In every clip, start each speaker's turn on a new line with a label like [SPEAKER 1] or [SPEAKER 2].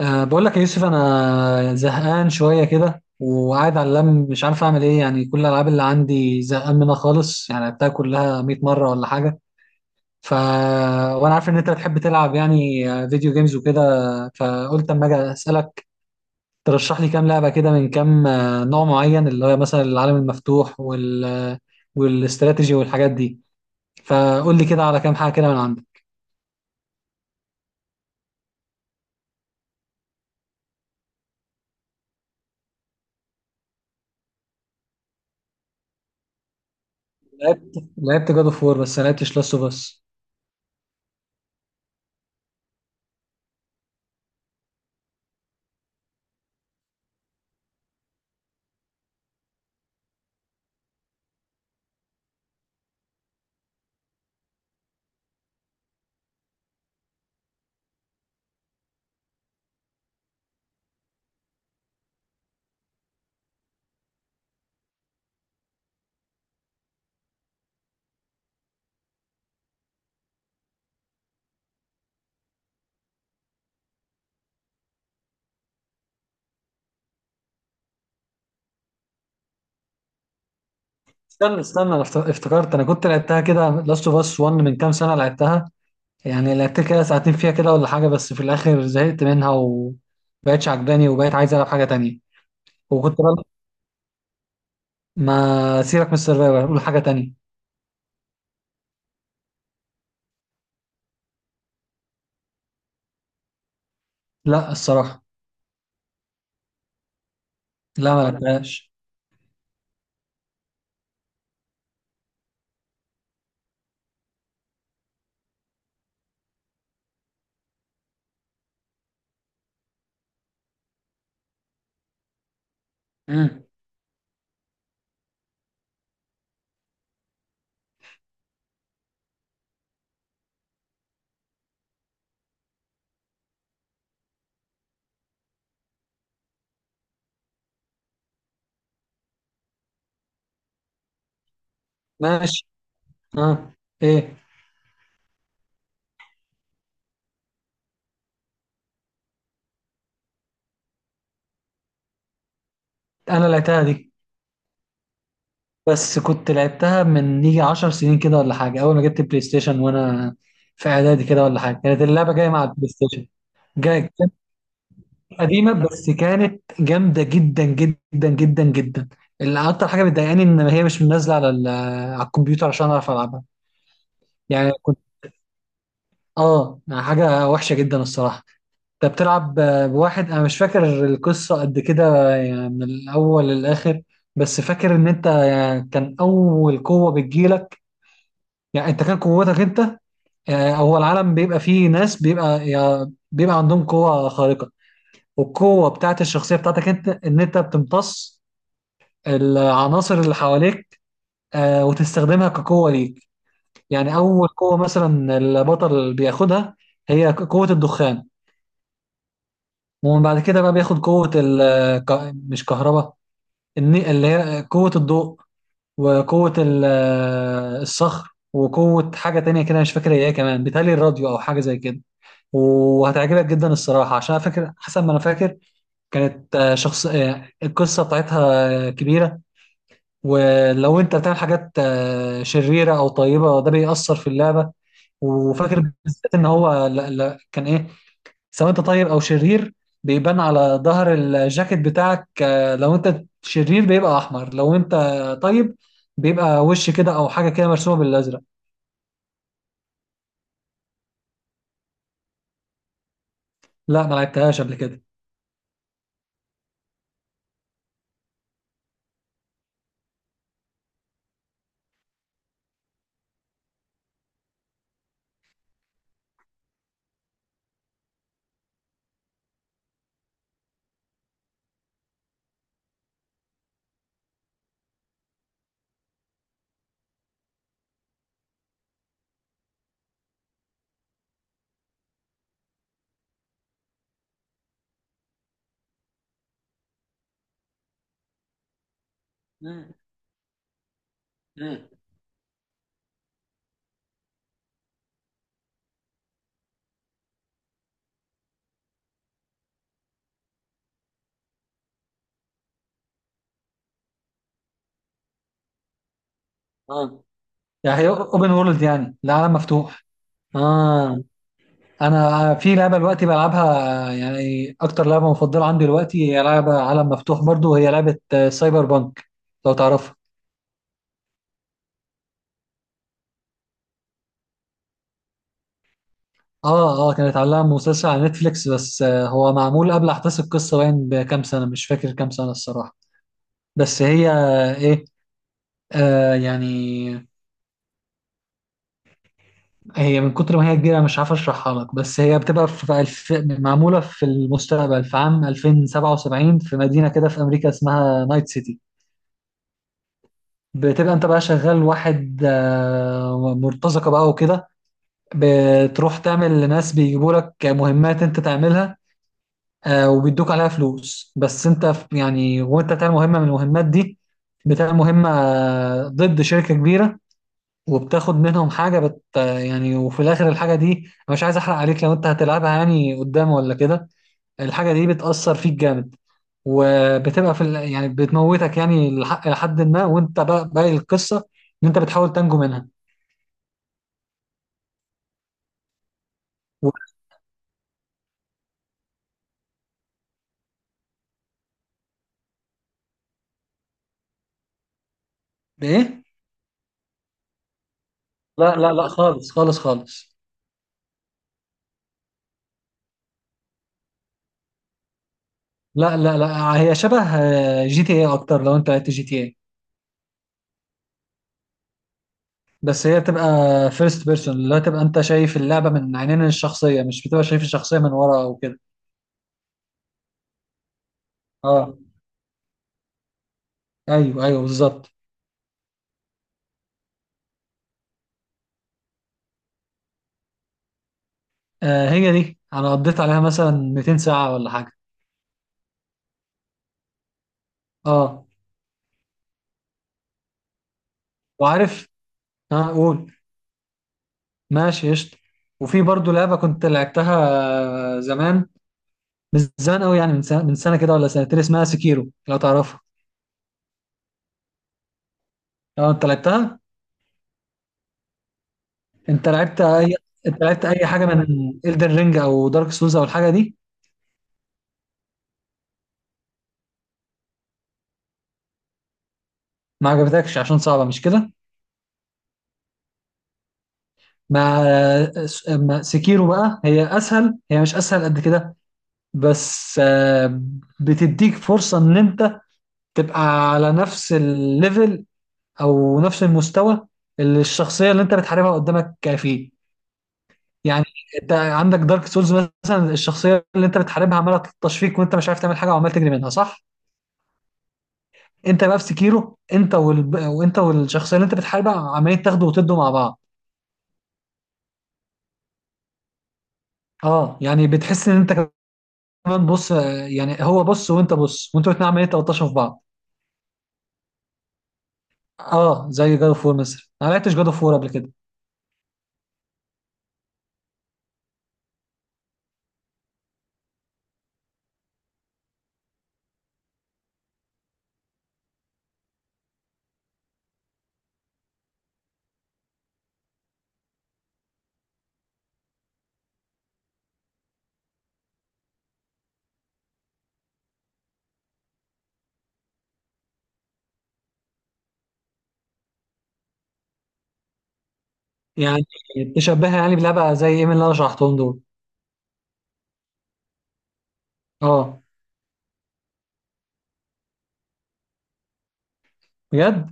[SPEAKER 1] بقول لك يا يوسف، انا زهقان شويه كده وقاعد على اللم، مش عارف اعمل ايه. يعني كل الالعاب اللي عندي زهقان منها خالص، يعني لعبتها كلها 100 مره ولا حاجه. ف وانا عارف ان انت بتحب تلعب، يعني فيديو جيمز وكده. فقلت اما اجي اسالك ترشح لي كام لعبه كده، من كام نوع معين، اللي هو مثلا العالم المفتوح والاستراتيجي والحاجات دي. فقول لي كده على كام حاجه كده من عندك. لعبت جاد اوف وور، بس ما لعبتش لاست اوف اس. استنى استنى، انا افتكرت انا كنت لعبتها كده، لاست اوف اس 1، من كام سنه لعبتها. يعني لعبت كده ساعتين فيها كده ولا حاجه، بس في الاخر زهقت منها وبقتش عجباني، وبقيت عايز العب حاجه تانية. وكنت بقى ما سيرك من السرفايفر، قول حاجه تانية. لا الصراحه، لا ما ولا لعبتهاش. امم. ماشي. اه. ايه. انا لعبتها دي، بس كنت لعبتها من يجي 10 سنين كده ولا حاجه، اول ما جبت بلاي ستيشن وانا في اعدادي كده ولا حاجه، كانت اللعبه جايه مع البلاي ستيشن. جاي. قديمة بس كانت جامدة جدا جدا جدا جدا. اللي أكتر حاجة بتضايقاني إن هي مش نازلة على على الكمبيوتر عشان أعرف ألعبها. يعني كنت، يعني حاجة وحشة جدا الصراحة. أنت بتلعب بواحد، أنا مش فاكر القصة قد كده يعني من الأول للآخر، بس فاكر إن أنت، يعني كان أول قوة بتجيلك، يعني أنت كان قوتك أنت. يعني هو العالم بيبقى فيه ناس بيبقى، يعني بيبقى عندهم قوة خارقة، والقوة بتاعت الشخصية بتاعتك أنت إن أنت بتمتص العناصر اللي حواليك وتستخدمها كقوة ليك. يعني أول قوة مثلا البطل بياخدها، هي قوة الدخان. ومن بعد كده بقى بياخد قوة مش كهرباء، اللي هي قوة الضوء، وقوة الصخر، وقوة حاجة تانية كده مش فاكر هي إيه كمان، بيتهيألي الراديو أو حاجة زي كده. وهتعجبك جدا الصراحة، عشان أنا فاكر، حسب ما أنا فاكر كانت آه، شخص آه، القصة بتاعتها كبيرة. ولو انت بتعمل حاجات شريره او طيبه، ده بيأثر في اللعبه. وفاكر بالذات ان هو، لا لا، كان ايه، سواء انت طيب او شرير، بيبان على ظهر الجاكيت بتاعك. لو انت شرير بيبقى احمر، لو انت طيب بيبقى وش كده او حاجه كده مرسومه بالازرق. لا ما لعبتهاش قبل كده. مم. مم. اه، يعني هي اوبن وورلد، يعني العالم مفتوح. اه. انا في لعبه دلوقتي بلعبها، يعني اكتر لعبه مفضله عندي دلوقتي هي لعبه عالم مفتوح برضو، وهي لعبه سايبر بانك، لو تعرفها. اه، اه، كانت عليها مسلسل على نتفليكس، بس هو معمول قبل احداث القصه باين بكام سنه، مش فاكر كام سنه الصراحه. بس هي ايه، يعني هي من كتر ما هي كبيره مش عارف اشرحها لك، بس هي بتبقى في معموله في المستقبل في عام 2077، في مدينه كده في امريكا اسمها نايت سيتي. بتبقى انت بقى شغال واحد مرتزقة بقى وكده، بتروح تعمل لناس بيجيبوا لك مهمات انت تعملها وبيدوك عليها فلوس. بس انت يعني، وانت بتعمل مهمة من المهمات دي، بتعمل مهمة ضد شركة كبيرة، وبتاخد منهم حاجة بت آه، يعني. وفي الآخر الحاجة دي أنا مش عايز أحرق عليك لو أنت هتلعبها يعني قدام ولا كده. الحاجة دي بتأثر فيك جامد، وبتبقى في يعني بتموتك يعني لحد ما، وانت بقى باقي القصة ان انت بتحاول تنجو منها. و... ايه. لا لا لا، خالص خالص خالص. لا لا لا، هي شبه جي تي اي اكتر، لو انت لعبت جي تي اي، بس هي بتبقى فيرست بيرسون، اللي هو تبقى انت شايف اللعبة من عينين الشخصية، مش بتبقى شايف الشخصية من ورا او كده. اه، ايوه ايوه بالظبط. هي دي انا قضيت عليها مثلا 200 ساعة ولا حاجة. اه. وعارف. اه، قول. ماشي قشطة. وفي برضه لعبة كنت لعبتها زمان، مش زمان قوي، يعني من سنة، كده ولا سنتين، اسمها سكيرو لو تعرفها. لو انت لعبتها، انت لعبت اي انت لعبت اي حاجة من إلدن رينج او دارك سولز او الحاجة دي؟ ما عجبتكش عشان صعبة مش كده؟ مع، سكيرو بقى هي اسهل، هي مش اسهل قد كده، بس بتديك فرصة ان انت تبقى على نفس الليفل او نفس المستوى اللي الشخصية اللي انت بتحاربها قدامك فيه. يعني انت عندك دارك سولز مثلا، الشخصيه اللي انت بتحاربها عماله تلطش فيك وانت مش عارف تعمل حاجه وعمال تجري منها، صح؟ انت بقى في سكيرو، انت وانت والشخصيه اللي انت بتحاربها عمالين تاخدوا وتدوا مع بعض. اه، يعني بتحس ان انت كمان بص، يعني هو بص وانت بص وانتوا الاتنين عمالين تلطشوا في بعض. اه، زي جاد اوف وور مثلا، انا ما لعبتش جاد اوف وور قبل كده. يعني تشبهها يعني بلعبه زي ايه من اللي انا شرحتهم دول؟ اه. بجد؟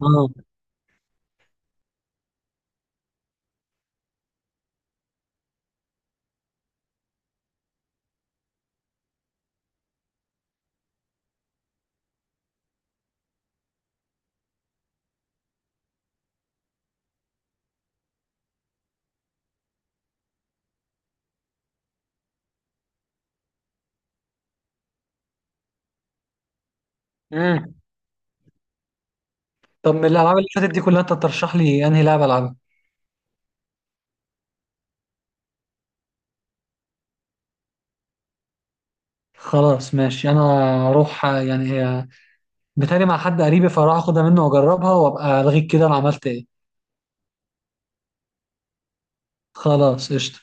[SPEAKER 1] اه. امم. طب من الالعاب اللي فاتت دي كلها انت ترشح لي انهي لعبه العبها؟ خلاص ماشي، انا اروح يعني، بتهيألي مع حد قريبي، فراح اخدها منه واجربها وابقى الغيك كده انا عملت ايه. خلاص قشطة.